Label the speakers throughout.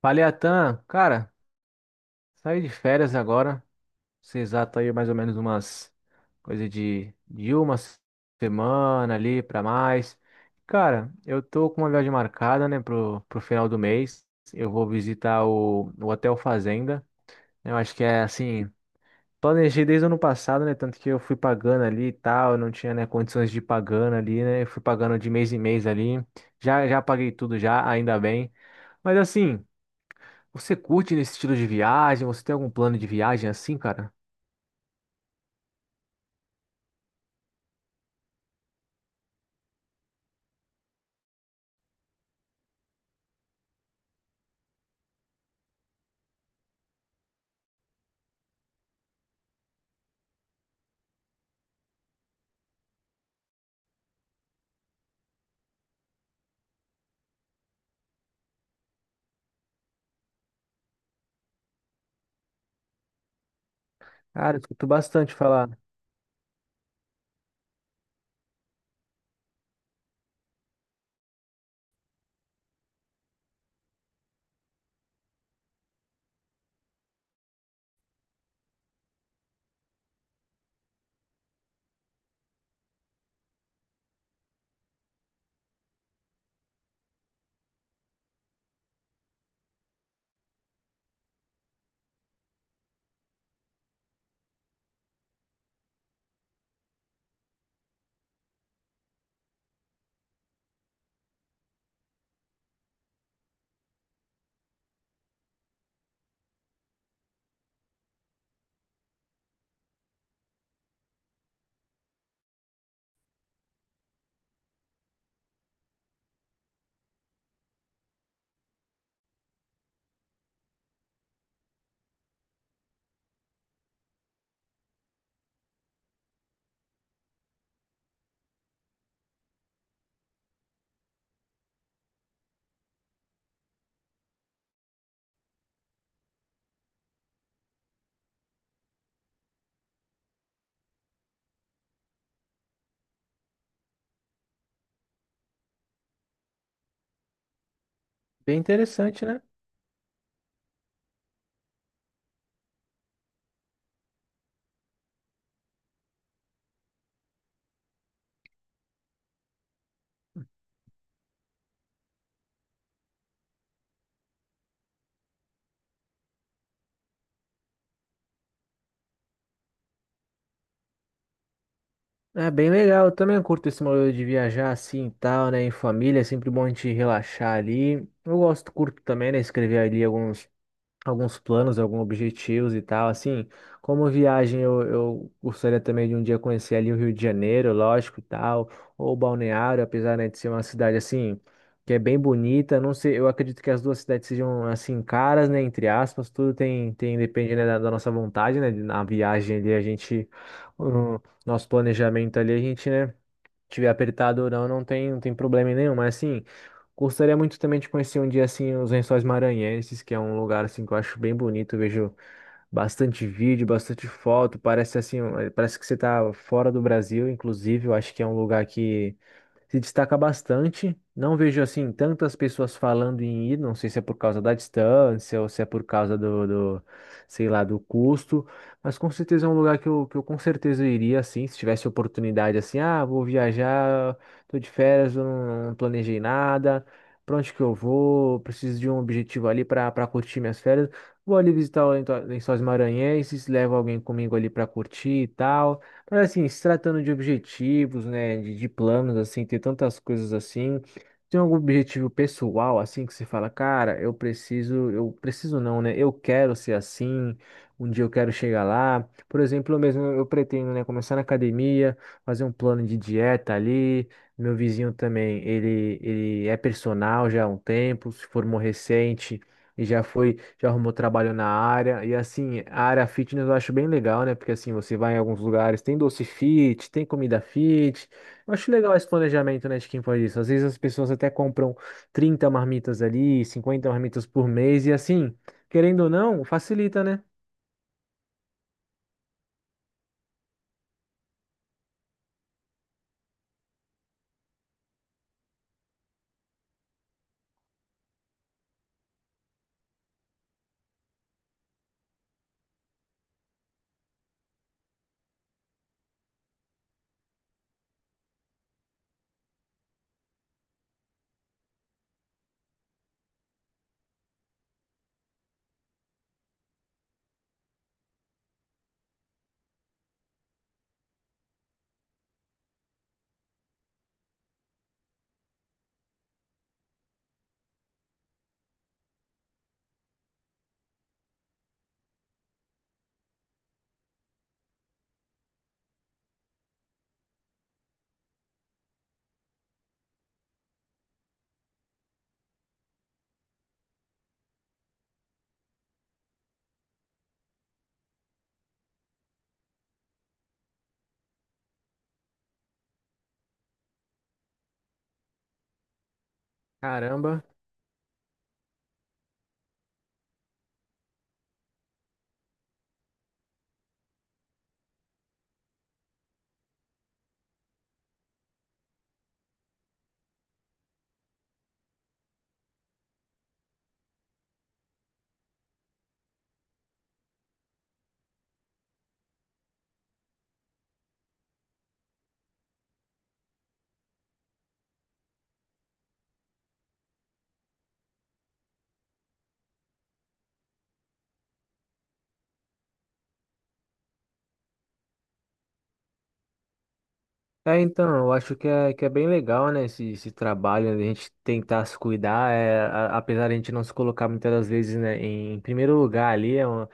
Speaker 1: Falei, Atan, cara, saí de férias agora. Se exato aí mais ou menos umas coisa de uma semana ali pra mais. Cara, eu tô com uma viagem marcada, né, pro final do mês. Eu vou visitar o Hotel Fazenda. Eu acho que é assim, planejei desde o ano passado, né, tanto que eu fui pagando ali e tal, eu não tinha, né, condições de ir pagando ali, né, eu fui pagando de mês em mês ali. Já paguei tudo já, ainda bem. Mas assim. Você curte nesse estilo de viagem? Você tem algum plano de viagem assim, cara? Cara, eu escuto bastante falar. Bem interessante, né? É bem legal. Eu também curto esse modelo de viajar assim e tal, né? Em família, é sempre bom a gente relaxar ali. Eu gosto, curto também, né? Escrever ali alguns planos, alguns objetivos e tal. Assim, como viagem, eu gostaria também de um dia conhecer ali o Rio de Janeiro, lógico e tal, ou Balneário, apesar, né, de ser uma cidade assim. Que é bem bonita, não sei, eu acredito que as duas cidades sejam assim caras, né, entre aspas, tudo tem, tem depende, né, da nossa vontade, né, na viagem ali a gente, o nosso planejamento ali a gente, né, tiver apertado ou não, não tem, não tem problema nenhum. Mas assim, gostaria muito também de conhecer um dia assim os Lençóis Maranhenses, que é um lugar assim que eu acho bem bonito. Eu vejo bastante vídeo, bastante foto. Parece assim, parece que você tá fora do Brasil, inclusive. Eu acho que é um lugar que se destaca bastante. Não vejo assim tantas pessoas falando em ir, não sei se é por causa da distância ou se é por causa do, sei lá, do custo, mas com certeza é um lugar que eu com certeza iria assim, se tivesse oportunidade assim, ah, vou viajar, tô de férias, eu não, não planejei nada, pra onde que eu vou, preciso de um objetivo ali para curtir minhas férias. Vou ali visitar o Lençóis Maranhenses, levo alguém comigo ali para curtir e tal. Mas assim, se tratando de objetivos, né, de planos, assim, ter tantas coisas assim, tem algum objetivo pessoal, assim, que você fala, cara, eu preciso não, né, eu quero ser assim, um dia eu quero chegar lá. Por exemplo, eu mesmo, eu pretendo, né, começar na academia, fazer um plano de dieta ali, meu vizinho também, ele é personal já há um tempo, se formou recente, e já foi, já arrumou trabalho na área. E assim, a área fitness eu acho bem legal, né? Porque assim, você vai em alguns lugares, tem doce fit, tem comida fit. Eu acho legal esse planejamento, né, de quem faz isso. Às vezes as pessoas até compram 30 marmitas ali, 50 marmitas por mês, e assim, querendo ou não, facilita, né? Caramba. É, então, eu acho que que é bem legal, né, esse trabalho, né, a gente tentar se cuidar, é, apesar de a gente não se colocar muitas das vezes, né, em primeiro lugar ali,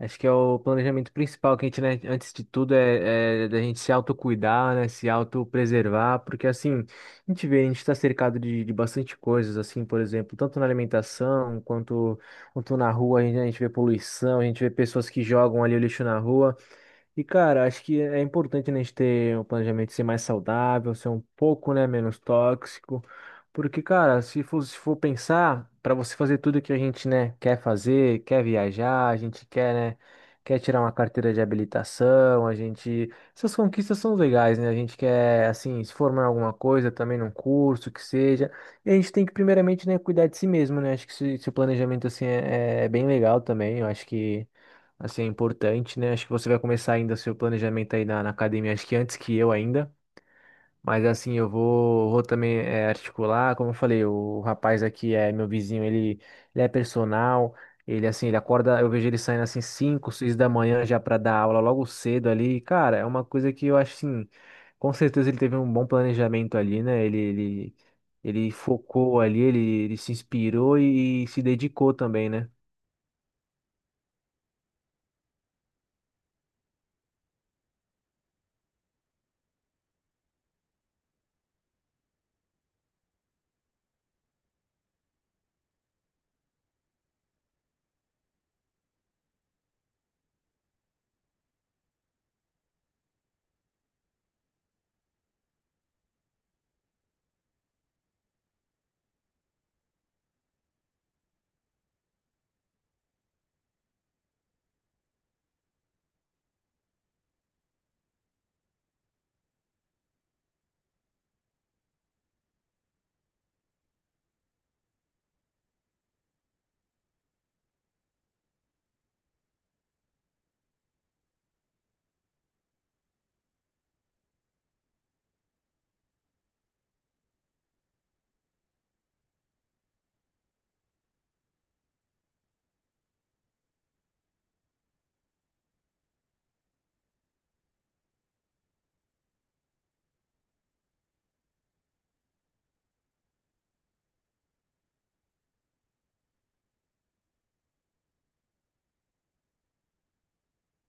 Speaker 1: acho que é o planejamento principal que a gente, né, antes de tudo é da gente se autocuidar, né, se autopreservar, porque assim, a gente vê, a gente está cercado de bastante coisas, assim, por exemplo, tanto na alimentação, quanto na rua, a gente vê poluição, a gente vê pessoas que jogam ali o lixo na rua, e, cara, acho que é importante, né, a gente ter um planejamento ser mais saudável, ser um pouco, né, menos tóxico. Porque, cara, se for, se for pensar, para você fazer tudo que a gente, né, quer fazer, quer viajar, a gente quer, né, quer tirar uma carteira de habilitação, a gente. Essas conquistas são legais, né? A gente quer, assim, se formar em alguma coisa, também num curso, que seja. E a gente tem que, primeiramente, né, cuidar de si mesmo, né? Acho que esse planejamento, assim, é bem legal também. Eu acho que. Assim, é importante, né? Acho que você vai começar ainda seu planejamento aí na academia, acho que antes que eu ainda. Mas assim, eu vou, vou também articular, como eu falei, o rapaz aqui é meu vizinho, ele é personal, ele assim, ele acorda, eu vejo ele saindo assim 5 6 da manhã já para dar aula logo cedo ali. Cara, é uma coisa que eu acho assim, com certeza ele teve um bom planejamento ali, né? Ele focou ali, ele se inspirou e se dedicou também, né?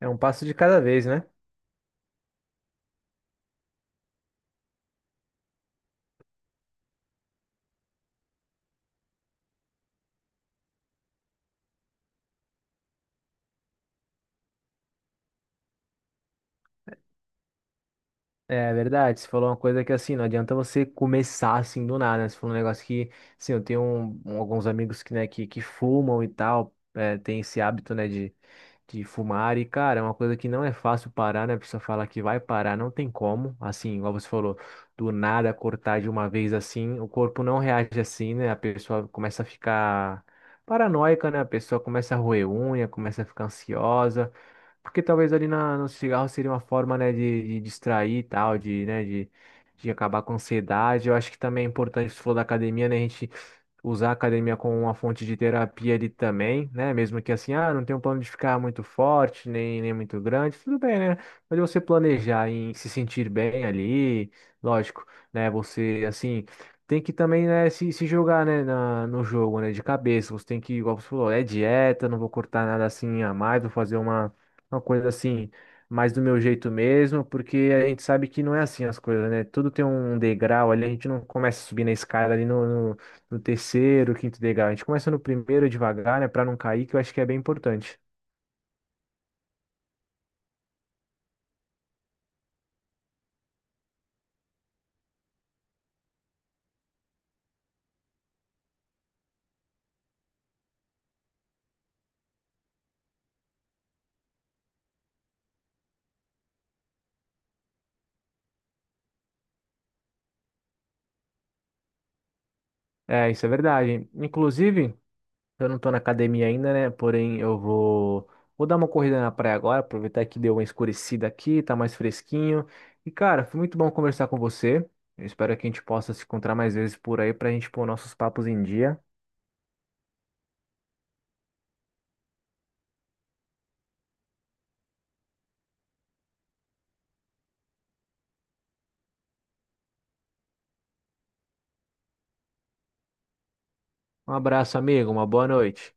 Speaker 1: É um passo de cada vez, né? É verdade, você falou uma coisa que assim, não adianta você começar assim do nada, né? Você falou um negócio que, assim, eu tenho alguns amigos que, né, que fumam e tal, é, tem esse hábito, né, de fumar e, cara, é uma coisa que não é fácil parar, né? A pessoa fala que vai parar, não tem como, assim, igual você falou, do nada cortar de uma vez assim, o corpo não reage assim, né? A pessoa começa a ficar paranoica, né? A pessoa começa a roer unha, começa a ficar ansiosa. Porque talvez ali no cigarro seria uma forma, né, de distrair e tal, de, né, de acabar com a ansiedade. Eu acho que também é importante, você falou da academia, né, a gente usar a academia como uma fonte de terapia ali também, né? Mesmo que assim, ah, não tem um plano de ficar muito forte, nem muito grande, tudo bem, né? Mas você planejar em se sentir bem ali, lógico, né? Você, assim, tem que também, né, se jogar, né, no jogo, né, de cabeça. Você tem que, igual você falou, é dieta, não vou cortar nada assim a mais, vou fazer uma coisa assim. Mais do meu jeito mesmo, porque a gente sabe que não é assim as coisas, né? Tudo tem um degrau ali, a gente não começa a subir na escada ali no terceiro, quinto degrau. A gente começa no primeiro devagar, né, para não cair, que eu acho que é bem importante. É, isso é verdade. Inclusive, eu não tô na academia ainda, né? Porém, eu vou dar uma corrida na praia agora, aproveitar que deu uma escurecida aqui, tá mais fresquinho. E cara, foi muito bom conversar com você. Eu espero que a gente possa se encontrar mais vezes por aí pra gente pôr nossos papos em dia. Um abraço, amigo. Uma boa noite.